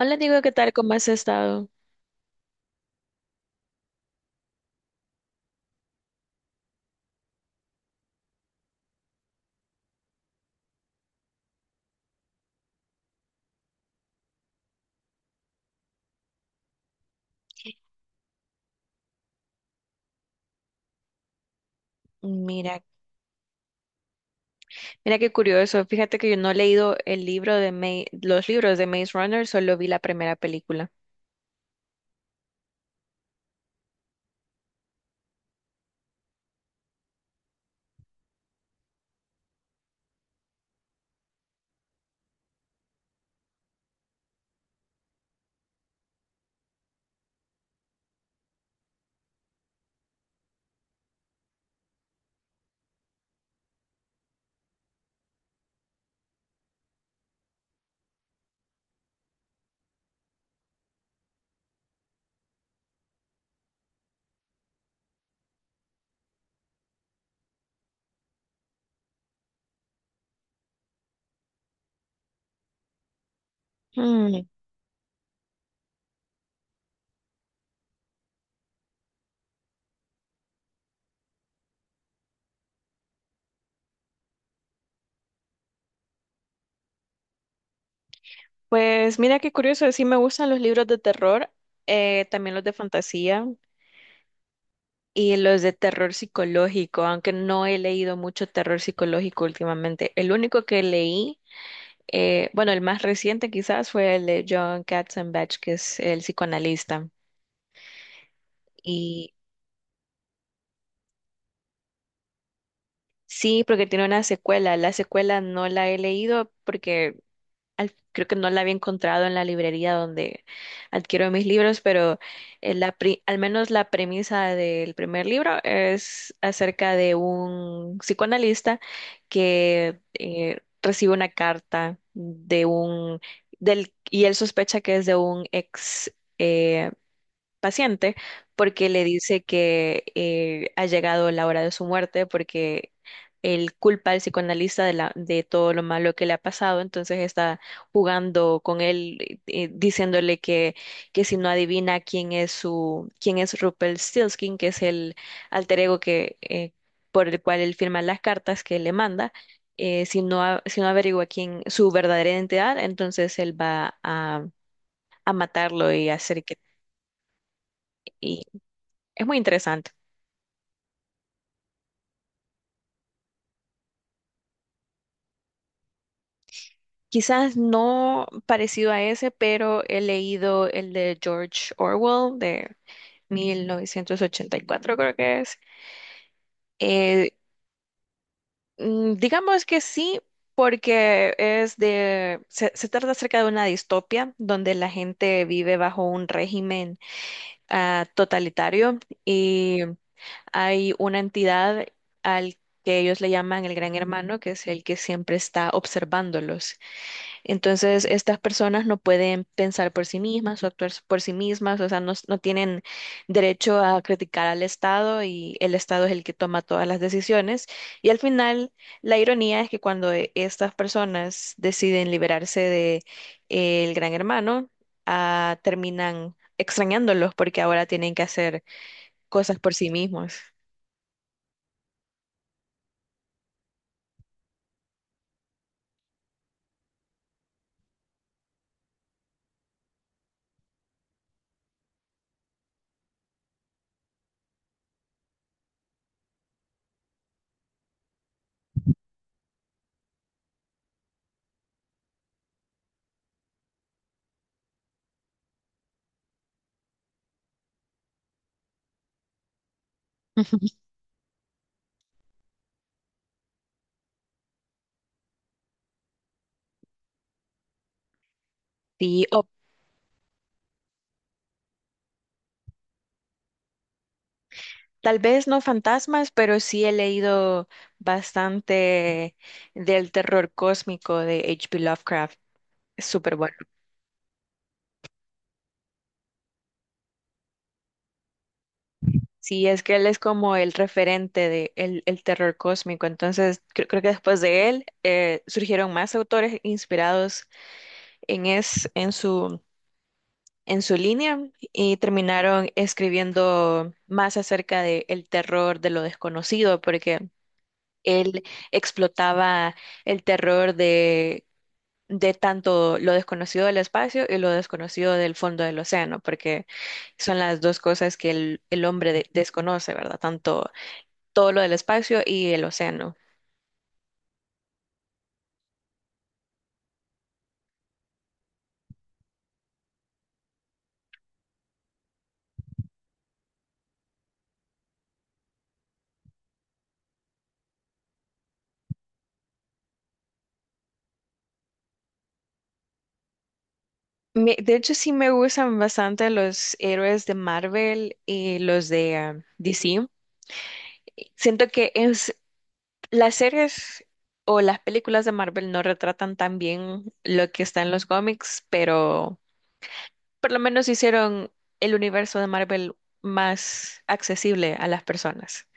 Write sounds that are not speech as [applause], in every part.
Hola, Diego, ¿qué tal? ¿Cómo has estado? Mira, mira qué curioso. Fíjate que yo no he leído el libro de Maze, los libros de Maze Runner, solo vi la primera película. Mm. Pues mira qué curioso, sí me gustan los libros de terror, también los de fantasía y los de terror psicológico, aunque no he leído mucho terror psicológico últimamente. El único que leí, bueno, el más reciente quizás fue el de John Katzenbach, que es el psicoanalista. Y sí, porque tiene una secuela. La secuela no la he leído porque creo que no la había encontrado en la librería donde adquiero mis libros, pero al menos la premisa del primer libro es acerca de un psicoanalista que recibe una carta de un del. Y él sospecha que es de un ex paciente porque le dice que ha llegado la hora de su muerte porque él culpa al psicoanalista de, la, de todo lo malo que le ha pasado, entonces está jugando con él, diciéndole que si no adivina quién es su, quién es Rumpelstiltskin, que es el alter ego que, por el cual él firma las cartas que le manda. Si no, si no averigua quién su verdadera identidad, entonces él va a matarlo y hacer que, es muy interesante. Quizás no parecido a ese, pero he leído el de George Orwell de 1984, creo que es. Eh, digamos que sí, porque es de, se trata acerca de una distopia donde la gente vive bajo un régimen totalitario y hay una entidad al que ellos le llaman el Gran Hermano, que es el que siempre está observándolos. Entonces, estas personas no pueden pensar por sí mismas o actuar por sí mismas, o sea, no, no tienen derecho a criticar al Estado y el Estado es el que toma todas las decisiones. Y al final, la ironía es que cuando estas personas deciden liberarse de el Gran Hermano, terminan extrañándolos porque ahora tienen que hacer cosas por sí mismos. [laughs] Sí. Tal vez no fantasmas, pero sí he leído bastante del terror cósmico de H.P. Lovecraft. Es súper bueno. Sí, es que él es como el referente de el terror cósmico. Entonces, creo que después de él surgieron más autores inspirados en, es, en su línea y terminaron escribiendo más acerca de el terror de lo desconocido, porque él explotaba el terror de tanto lo desconocido del espacio y lo desconocido del fondo del océano, porque son las dos cosas que el hombre desconoce, ¿verdad? Tanto todo lo del espacio y el océano. De hecho, sí me gustan bastante los héroes de Marvel y los de DC. Siento que es, las series o las películas de Marvel no retratan tan bien lo que está en los cómics, pero por lo menos hicieron el universo de Marvel más accesible a las personas.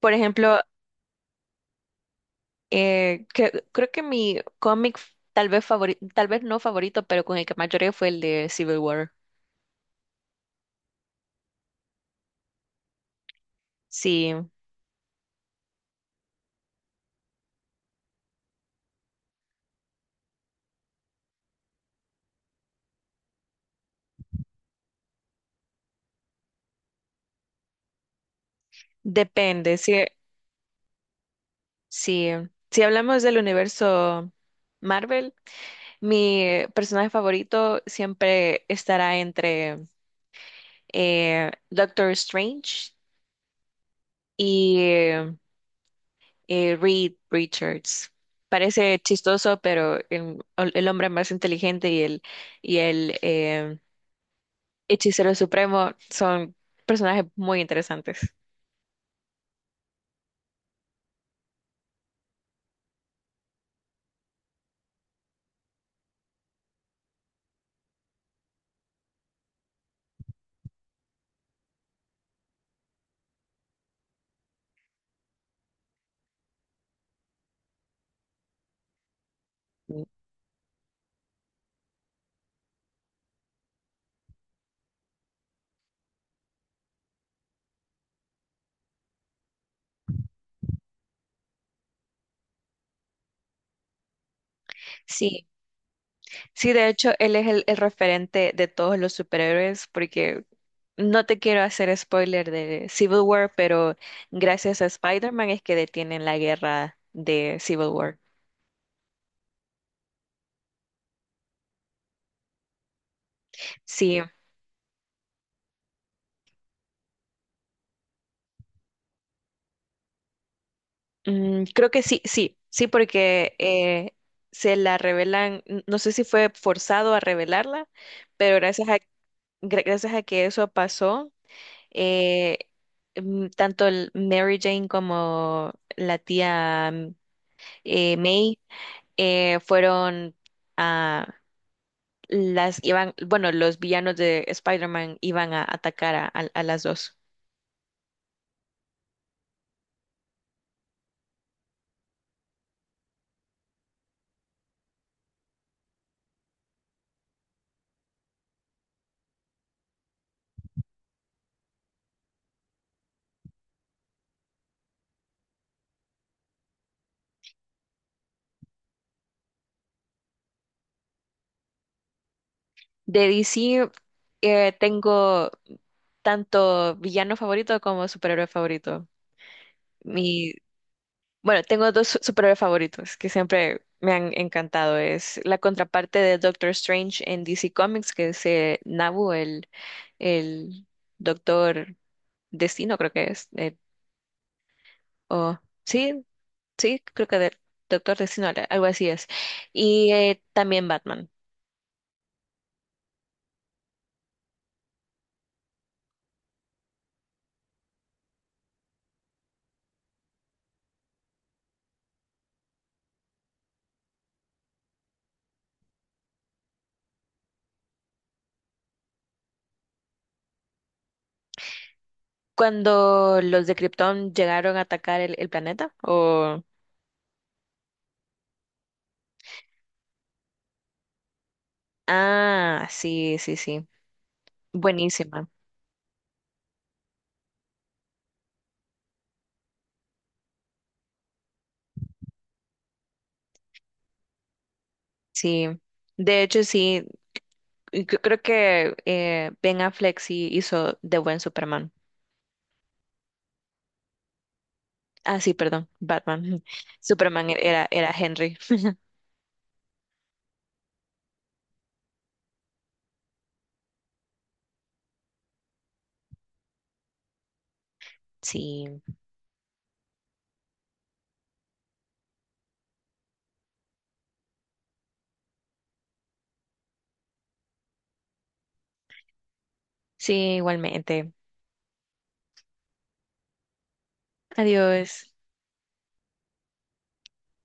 Por ejemplo, creo que mi cómic tal vez no favorito, pero con el que más lloré fue el de Civil War. Sí, depende. Si, si, si hablamos del universo Marvel, mi personaje favorito siempre estará entre Doctor Strange y Reed Richards. Parece chistoso, pero el hombre más inteligente y el, y el hechicero supremo son personajes muy interesantes. Sí, sí, de hecho, él es el referente de todos los superhéroes, porque no te quiero hacer spoiler de Civil War, pero gracias a Spider-Man es que detienen la guerra de Civil War. Sí. Creo que sí, sí, sí, porque se la revelan, no sé si fue forzado a revelarla, pero gracias a, gracias a que eso pasó, eh, tanto el Mary Jane como la tía May fueron a las, iban, bueno, los villanos de Spider-Man iban a atacar a, a las dos. De DC tengo tanto villano favorito como superhéroe favorito. Mi, bueno, tengo dos superhéroes favoritos que siempre me han encantado. Es la contraparte de Doctor Strange en DC Comics, que es Nabu, el Doctor Destino, creo que es. O- sí, sí, creo que Doctor Destino, algo así es. Y también Batman. Cuando los de Krypton llegaron a atacar el planeta, o ah, sí, sí, sí. Buenísima. Sí. De hecho, sí, y yo creo que Ben Affleck sí hizo de buen Superman. Ah, sí, perdón, Batman. [laughs] Superman era, era Henry. Sí, sí, igualmente. Adiós.